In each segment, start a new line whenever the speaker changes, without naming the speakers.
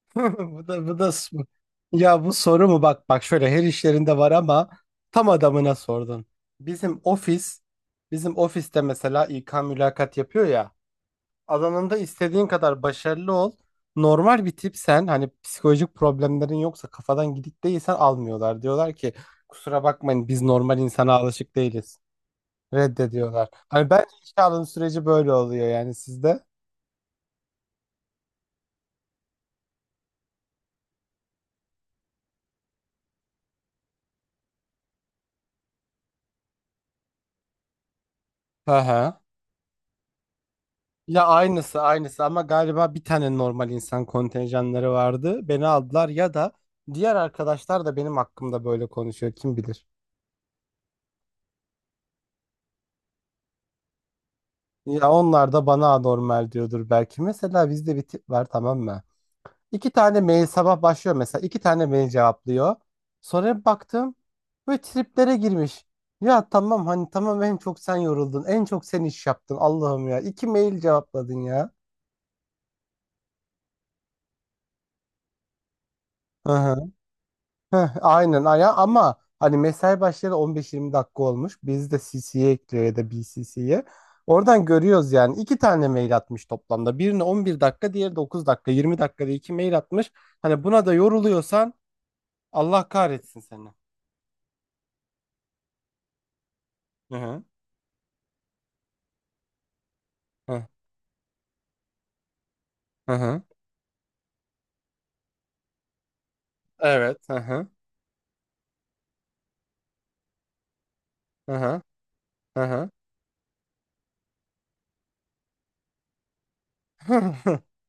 Bu da bu da s- Ya bu soru mu bak bak şöyle her işlerinde var ama tam adamına sordun. Bizim ofis Bizim ofiste mesela İK mülakat yapıyor ya, alanında istediğin kadar başarılı ol. Normal bir tipsen, hani psikolojik problemlerin yoksa, kafadan gidik değilsen almıyorlar. Diyorlar ki kusura bakmayın, biz normal insana alışık değiliz. Reddediyorlar. Hani bence işe alım süreci böyle oluyor yani sizde. Hı hı. Ya, aynısı aynısı, ama galiba bir tane normal insan kontenjanları vardı. Beni aldılar, ya da diğer arkadaşlar da benim hakkımda böyle konuşuyor, kim bilir. Ya, onlar da bana anormal diyordur belki. Mesela bizde bir tip var, tamam mı? İki tane mail, sabah başlıyor mesela iki tane mail cevaplıyor. Sonra bir baktım böyle triplere girmiş. Ya tamam, hani tamam, en çok sen yoruldun, en çok sen iş yaptın, Allah'ım ya, iki mail cevapladın ya. Heh, aynen aya, ama hani mesai başlayalı 15-20 dakika olmuş. Biz de CC'ye ekliyor ya da BCC'ye. Oradan görüyoruz yani iki tane mail atmış toplamda. Birine 11 dakika, diğeri 9 dakika, 20 dakikada iki mail atmış. Hani buna da yoruluyorsan Allah kahretsin seni. Hı hı. Hı hı. Hı. Evet. Hı hı. Hı hı. Hı hı.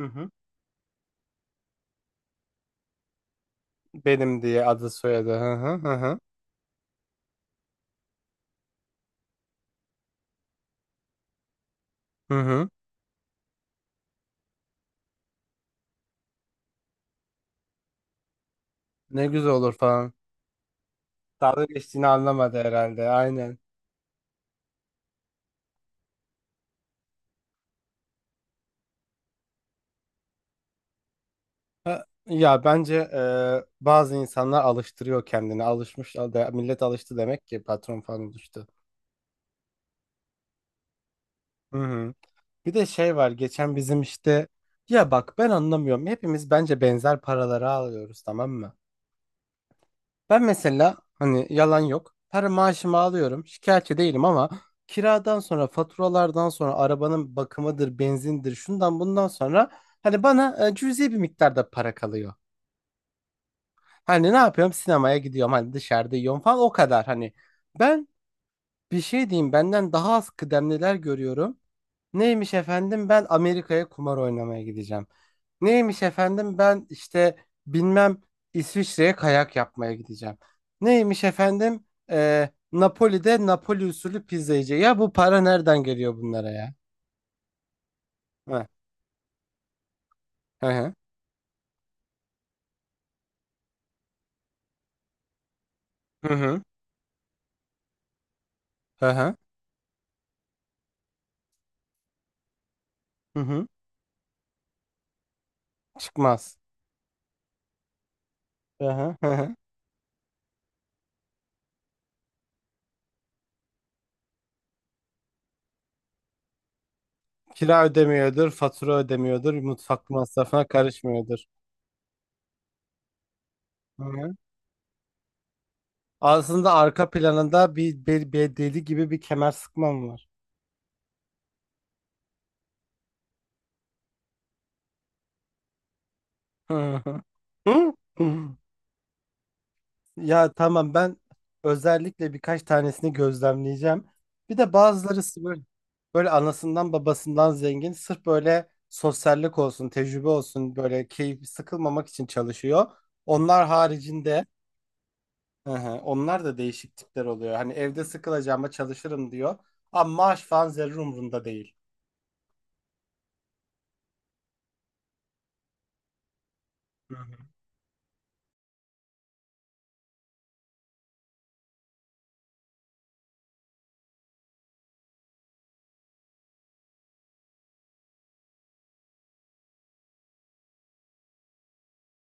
Hı hı. Benim diye adı soyadı. Hı hı. Hı hı. Hı hı. Ne güzel olur falan. Dalga geçtiğini anlamadı herhalde. Aynen. Ha, ya bence bazı insanlar alıştırıyor kendini. Millet alıştı demek ki, patron falan alıştı. Hı hı. Bir de şey var, geçen bizim işte, ya bak, ben anlamıyorum. Hepimiz bence benzer paraları alıyoruz, tamam mı? Ben mesela, hani yalan yok, her maaşımı alıyorum, şikayetçi değilim, ama kiradan sonra, faturalardan sonra, arabanın bakımıdır, benzindir, şundan bundan sonra, hani bana cüzi bir miktarda para kalıyor. Hani ne yapıyorum? Sinemaya gidiyorum, hani dışarıda yiyorum falan, o kadar. Hani ben bir şey diyeyim, benden daha az kıdemliler görüyorum. Neymiş efendim, ben Amerika'ya kumar oynamaya gideceğim. Neymiş efendim, ben işte bilmem, İsviçre'ye kayak yapmaya gideceğim. Neymiş efendim, Napoli'de Napoli usulü pizza yiyeceğim. Ya, bu para nereden geliyor bunlara ya? Hı hı. Hı hı. Hı hı. Hı hı. Hı. Çıkmaz. Hı hı. Hı hı. Kira ödemiyordur, fatura ödemiyordur, mutfak masrafına karışmıyordur. Hı hı. Aslında arka planında bir deli gibi bir kemer sıkmam var. Hı hı. Hı hı. Ya tamam, ben özellikle birkaç tanesini gözlemleyeceğim. Bir de bazıları böyle, böyle anasından babasından zengin, sırf böyle sosyallik olsun, tecrübe olsun, böyle keyif, sıkılmamak için çalışıyor. Onlar haricinde. Hı hı. Onlar da değişik tipler oluyor. Hani evde sıkılacağıma çalışırım diyor. Ama maaş falan zerre umurunda değil. Hı hı.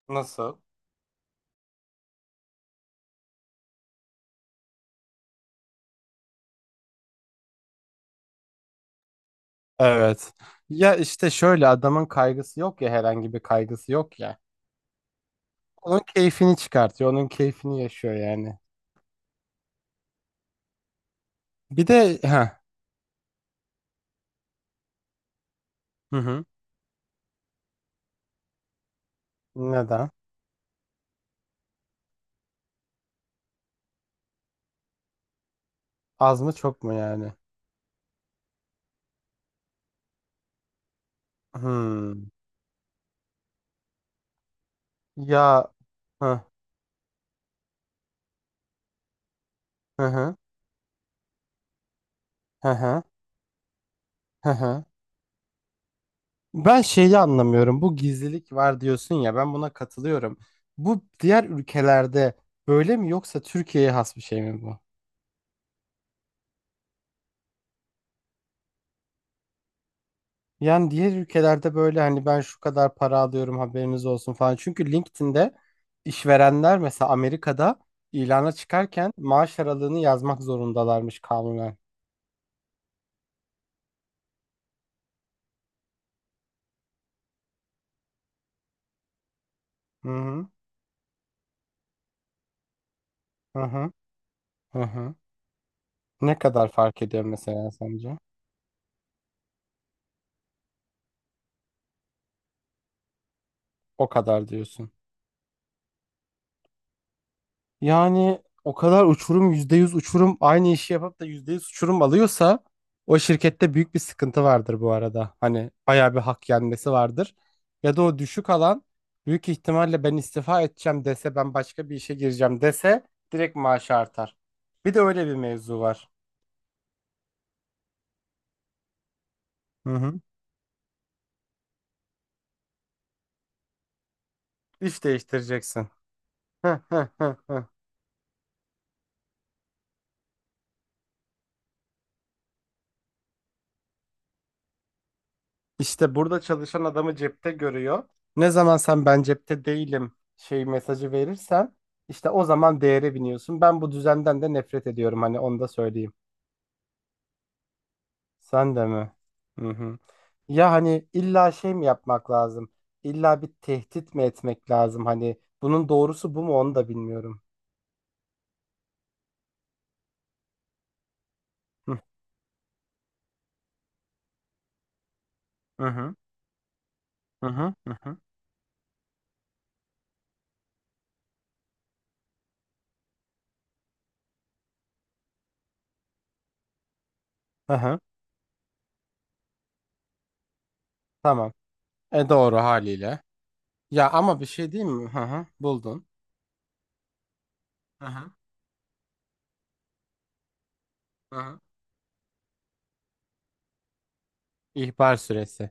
Nasıl? Evet. Ya işte şöyle, adamın kaygısı yok ya, herhangi bir kaygısı yok ya. Onun keyfini çıkartıyor. Onun keyfini yaşıyor yani. Bir de ha. Hı hı. Neden? Az mı, çok mu yani? Hmm. Ya. Hı hı. Hı. Hı hı. Hı hı. Hı. Ben şeyi anlamıyorum. Bu gizlilik var diyorsun ya, ben buna katılıyorum. Bu diğer ülkelerde böyle mi, yoksa Türkiye'ye has bir şey mi bu? Yani diğer ülkelerde böyle hani, ben şu kadar para alıyorum, haberiniz olsun falan. Çünkü LinkedIn'de işverenler, mesela Amerika'da, ilana çıkarken maaş aralığını yazmak zorundalarmış kanunen. Hı hı. Hı hı. Hı hı. Ne kadar fark ediyor mesela sence? O kadar diyorsun. Yani o kadar uçurum, %100 uçurum, aynı işi yapıp da %100 uçurum alıyorsa, o şirkette büyük bir sıkıntı vardır bu arada. Hani bayağı bir hak yenmesi vardır. Ya da o düşük alan, büyük ihtimalle ben istifa edeceğim dese, ben başka bir işe gireceğim dese, direkt maaşı artar. Bir de öyle bir mevzu var. Hı hı. İş değiştireceksin. İşte burada çalışan adamı cepte görüyor. Ne zaman sen ben cepte değilim şey mesajı verirsen, işte o zaman değere biniyorsun. Ben bu düzenden de nefret ediyorum, hani onu da söyleyeyim. Sen de mi? Hı hı. Ya hani illa şey mi yapmak lazım? İlla bir tehdit mi etmek lazım? Hani bunun doğrusu bu mu, onu da bilmiyorum. Hı. Hı. Hı. Hı. Hı. Hı. Hı hı. Tamam. E doğru haliyle. Ya ama bir şey diyeyim mi? Hı hı. Buldun. Hı hı. Hı hı. İhbar süresi.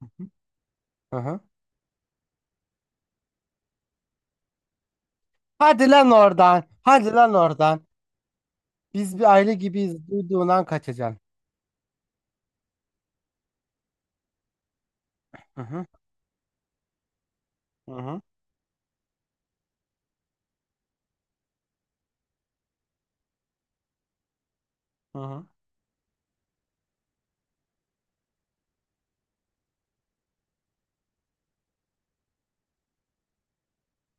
Hı hı. Hı hı. Hadi lan oradan. Hadi lan oradan. Biz bir aile gibiyiz. Duyduğundan kaçacaksın. Hı hı, hı hı, hı hı,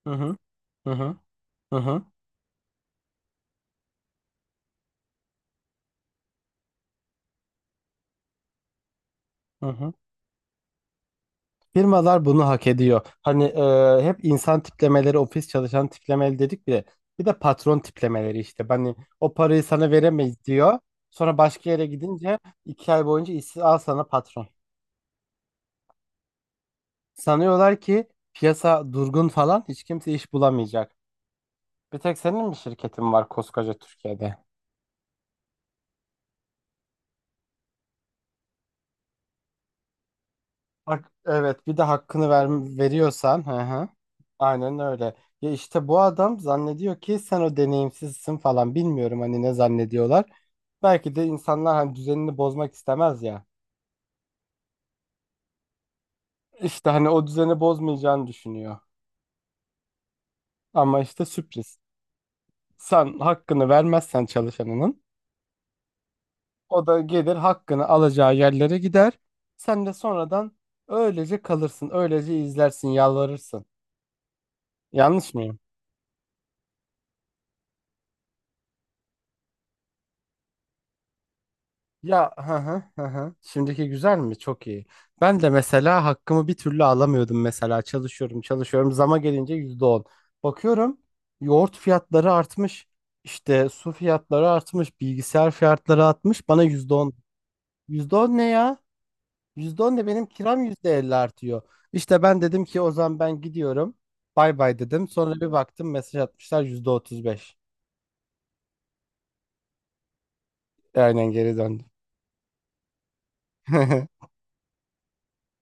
hı hı, hı hı, hı hı, hı hı. Firmalar bunu hak ediyor. Hani hep insan tiplemeleri, ofis çalışan tiplemeleri dedik bile. Bir de patron tiplemeleri işte. Hani o parayı sana veremeyiz diyor. Sonra başka yere gidince iki ay boyunca işsiz, al sana patron. Sanıyorlar ki piyasa durgun falan, hiç kimse iş bulamayacak. Bir tek senin mi şirketin var koskoca Türkiye'de? Bak evet, bir de hakkını ver, veriyorsan. Hı hı. Aynen öyle. Ya işte bu adam zannediyor ki sen o deneyimsizsin falan, bilmiyorum hani ne zannediyorlar. Belki de insanlar hani düzenini bozmak istemez ya. İşte hani o düzeni bozmayacağını düşünüyor. Ama işte sürpriz. Sen hakkını vermezsen çalışanının, o da gelir hakkını alacağı yerlere gider. Sen de sonradan öylece kalırsın, öylece izlersin, yalvarırsın. Yanlış mı? Ya. Hı hı. Hı. Hı. Şimdiki güzel mi? Çok iyi. Ben de mesela hakkımı bir türlü alamıyordum, mesela çalışıyorum çalışıyorum, zama gelince %10. Bakıyorum yoğurt fiyatları artmış. İşte su fiyatları artmış, bilgisayar fiyatları artmış. Bana %10. Yüzde on ne ya? %10 ne, benim kiram %50 artıyor. İşte ben dedim ki o zaman, ben gidiyorum. Bay bay dedim. Sonra bir baktım mesaj atmışlar, %35. Aynen geri döndüm.